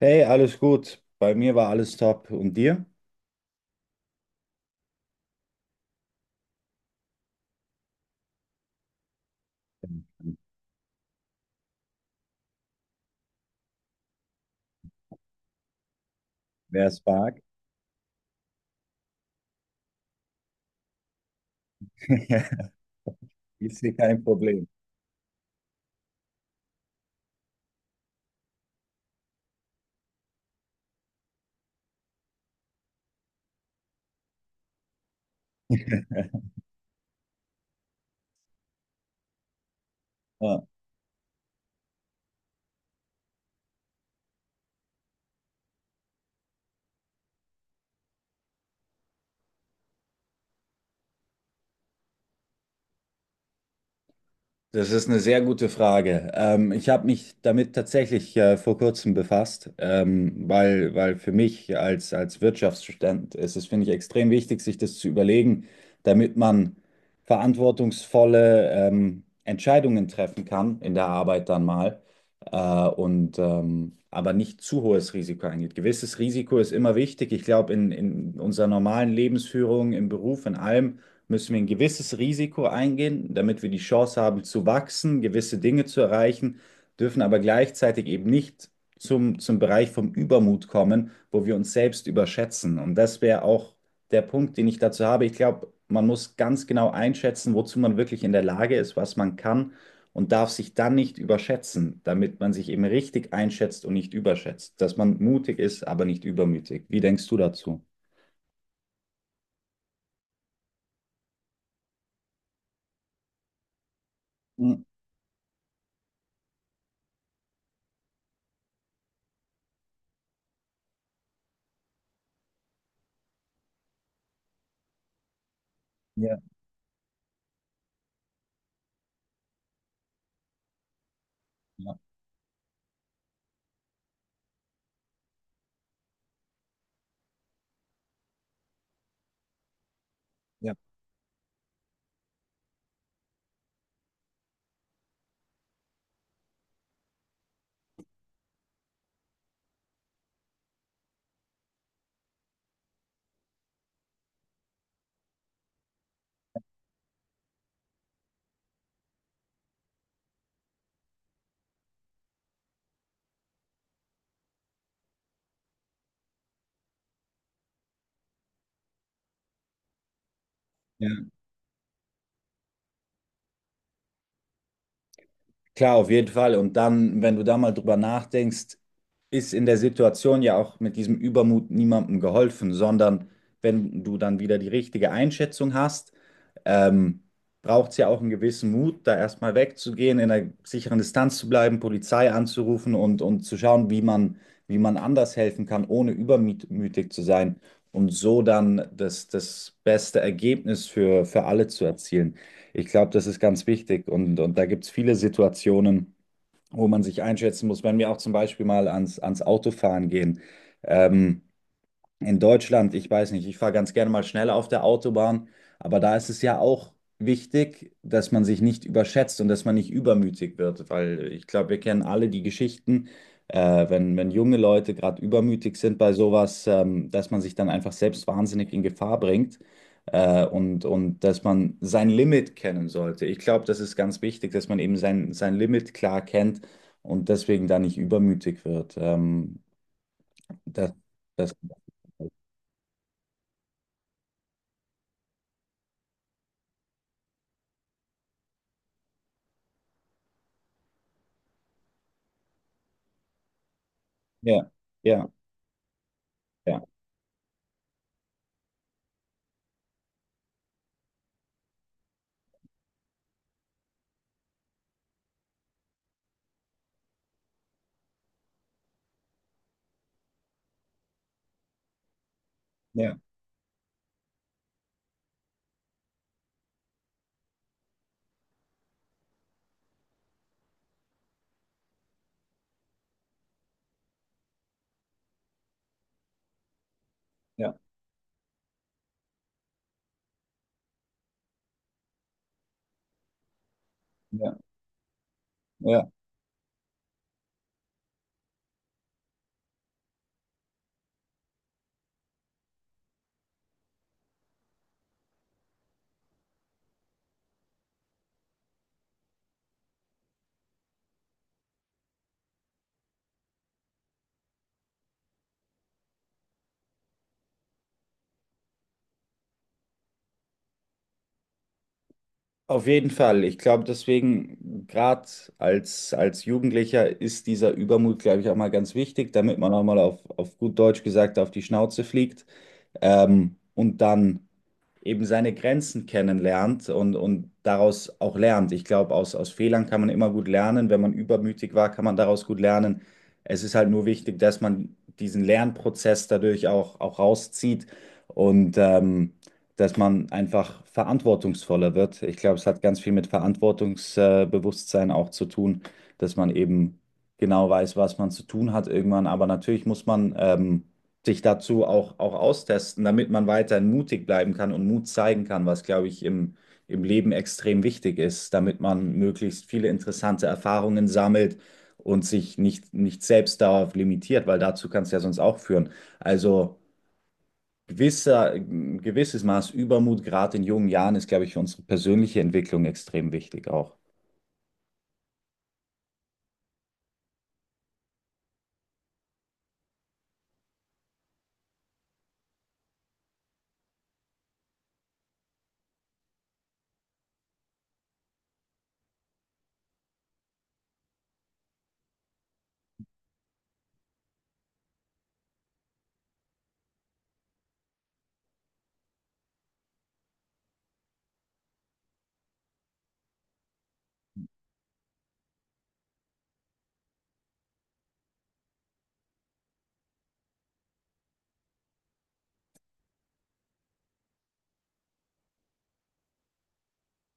Hey, alles gut. Bei mir war alles top. Und dir? Wer es mag, ist hier kein Problem. Das ist eine sehr gute Frage. Ich habe mich damit tatsächlich vor kurzem befasst, weil für mich als Wirtschaftsstudent ist es, finde ich, extrem wichtig, sich das zu überlegen, damit man verantwortungsvolle Entscheidungen treffen kann in der Arbeit dann mal und aber nicht zu hohes Risiko eingeht. Gewisses Risiko ist immer wichtig. Ich glaube, in unserer normalen Lebensführung, im Beruf, in allem müssen wir ein gewisses Risiko eingehen, damit wir die Chance haben zu wachsen, gewisse Dinge zu erreichen, dürfen aber gleichzeitig eben nicht zum Bereich vom Übermut kommen, wo wir uns selbst überschätzen. Und das wäre auch der Punkt, den ich dazu habe. Ich glaube, man muss ganz genau einschätzen, wozu man wirklich in der Lage ist, was man kann und darf sich dann nicht überschätzen, damit man sich eben richtig einschätzt und nicht überschätzt, dass man mutig ist, aber nicht übermütig. Wie denkst du dazu? Mhm. Ja, ja, ja. Ja. Klar, auf jeden Fall. Und dann, wenn du da mal drüber nachdenkst, ist in der Situation ja auch mit diesem Übermut niemandem geholfen, sondern wenn du dann wieder die richtige Einschätzung hast, ähm, braucht es ja auch einen gewissen Mut, da erstmal wegzugehen, in einer sicheren Distanz zu bleiben, Polizei anzurufen und zu schauen, wie man anders helfen kann, ohne übermütig zu sein und so dann das beste Ergebnis für alle zu erzielen. Ich glaube, das ist ganz wichtig und da gibt es viele Situationen wo man sich einschätzen muss, wenn wir auch zum Beispiel mal ans Autofahren gehen. Ähm, in Deutschland, ich weiß nicht, ich fahre ganz gerne mal schneller auf der Autobahn, aber da ist es ja auch wichtig, dass man sich nicht überschätzt und dass man nicht übermütig wird, weil ich glaube, wir kennen alle die Geschichten, wenn junge Leute gerade übermütig sind bei sowas, dass man sich dann einfach selbst wahnsinnig in Gefahr bringt, und dass man sein Limit kennen sollte. Ich glaube, das ist ganz wichtig, dass man eben sein, sein Limit klar kennt und deswegen da nicht übermütig wird. Das, das Ja, ja, ja, ja, ja, ja, ja. Auf jeden Fall. Ich glaube, deswegen, gerade als Jugendlicher, ist dieser Übermut, glaube ich, auch mal ganz wichtig, damit man auch mal auf gut Deutsch gesagt auf die Schnauze fliegt und dann eben seine Grenzen kennenlernt und daraus auch lernt. Ich glaube, aus Fehlern kann man immer gut lernen. Wenn man übermütig war, kann man daraus gut lernen. Es ist halt nur wichtig, dass man diesen Lernprozess dadurch auch rauszieht und dass man einfach verantwortungsvoller wird. Ich glaube, es hat ganz viel mit Verantwortungsbewusstsein auch zu tun, dass man eben genau weiß, was man zu tun hat irgendwann. Aber natürlich muss man sich dazu auch austesten, damit man weiterhin mutig bleiben kann und Mut zeigen kann, was, glaube ich, im Leben extrem wichtig ist, damit man möglichst viele interessante Erfahrungen sammelt und sich nicht selbst darauf limitiert, weil dazu kann es ja sonst auch führen. Also gewisser, ein gewisses Maß Übermut, gerade in jungen Jahren, ist, glaube ich, für unsere persönliche Entwicklung extrem wichtig auch.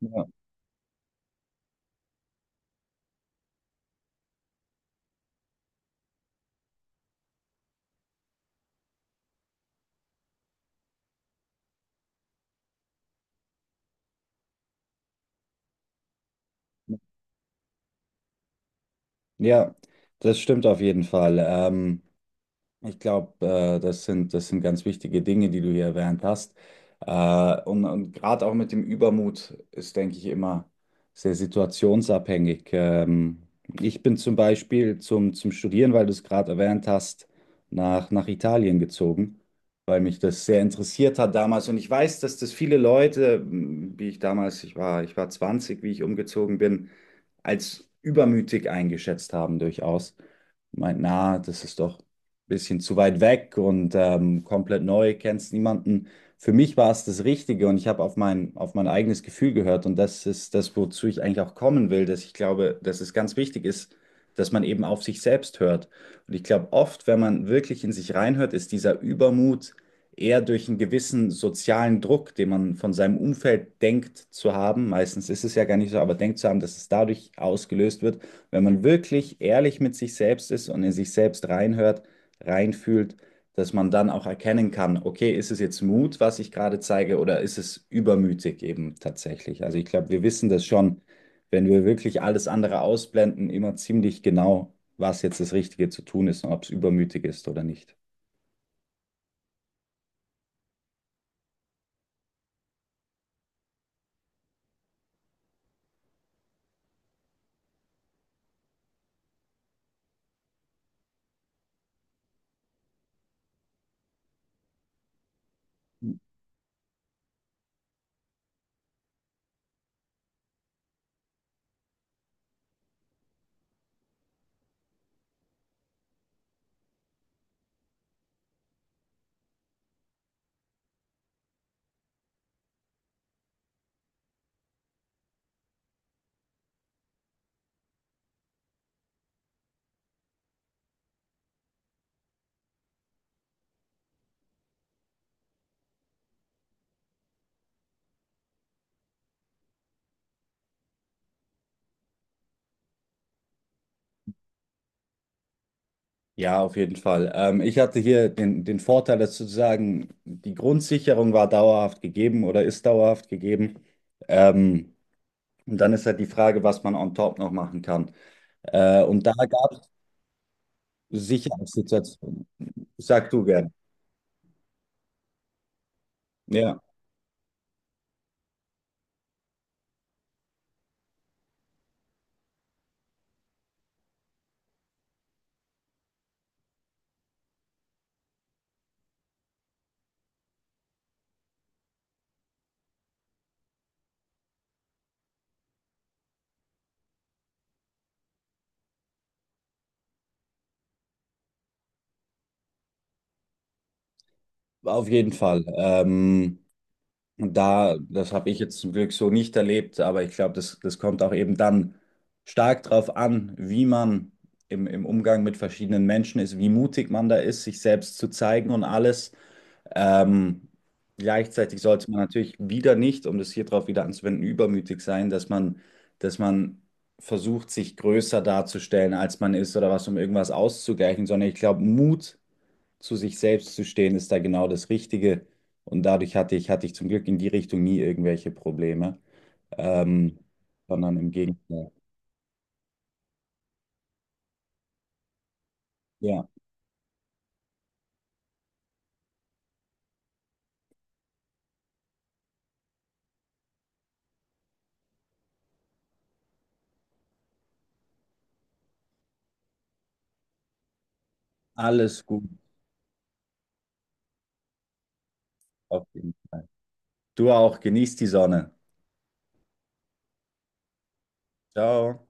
Ja, ja, das stimmt auf jeden Fall. Ich glaube, das sind ganz wichtige Dinge, die du hier erwähnt hast. Und gerade auch mit dem Übermut ist, denke ich, immer sehr situationsabhängig. Ich bin zum Beispiel zum Studieren, weil du es gerade erwähnt hast, nach Italien gezogen, weil mich das sehr interessiert hat damals. Und ich weiß, dass das viele Leute, wie ich damals, ich war 20, wie ich umgezogen bin, als übermütig eingeschätzt haben durchaus meint, na, das ist doch bisschen zu weit weg und komplett neu, kennst niemanden. Für mich war es das Richtige und ich habe auf mein eigenes Gefühl gehört und das ist das, wozu ich eigentlich auch kommen will, dass ich glaube, dass es ganz wichtig ist, dass man eben auf sich selbst hört. Und ich glaube, oft, wenn man wirklich in sich reinhört, ist dieser Übermut eher durch einen gewissen sozialen Druck, den man von seinem Umfeld denkt zu haben. Meistens ist es ja gar nicht so, aber denkt zu haben, dass es dadurch ausgelöst wird. Wenn man wirklich ehrlich mit sich selbst ist und in sich selbst reinhört, reinfühlt, dass man dann auch erkennen kann, okay, ist es jetzt Mut, was ich gerade zeige, oder ist es übermütig eben tatsächlich? Also ich glaube, wir wissen das schon, wenn wir wirklich alles andere ausblenden, immer ziemlich genau, was jetzt das Richtige zu tun ist und ob es übermütig ist oder nicht. Ja, auf jeden Fall. Ich hatte hier den Vorteil, dass sozusagen die Grundsicherung war dauerhaft gegeben oder ist dauerhaft gegeben. Ähm, und dann ist halt die Frage, was man on top noch machen kann. Und da gab Sicherheitssituation. Sag du gern. Ja, auf jeden Fall. Das habe ich jetzt zum Glück so nicht erlebt, aber ich glaube, das kommt auch eben dann stark darauf an, wie man im Umgang mit verschiedenen Menschen ist, wie mutig man da ist, sich selbst zu zeigen und alles. Ähm, Gleichzeitig sollte man natürlich wieder nicht, um das hier drauf wieder anzuwenden, übermütig sein, dass man versucht, sich größer darzustellen, als man ist oder was, um irgendwas auszugleichen, sondern ich glaube, Mut zu sich selbst zu stehen, ist da genau das Richtige. Und dadurch hatte ich zum Glück in die Richtung nie irgendwelche Probleme, ähm, sondern im Gegenteil. Ja, alles gut auf jeden Fall. Du auch, genieß die Sonne. Ciao.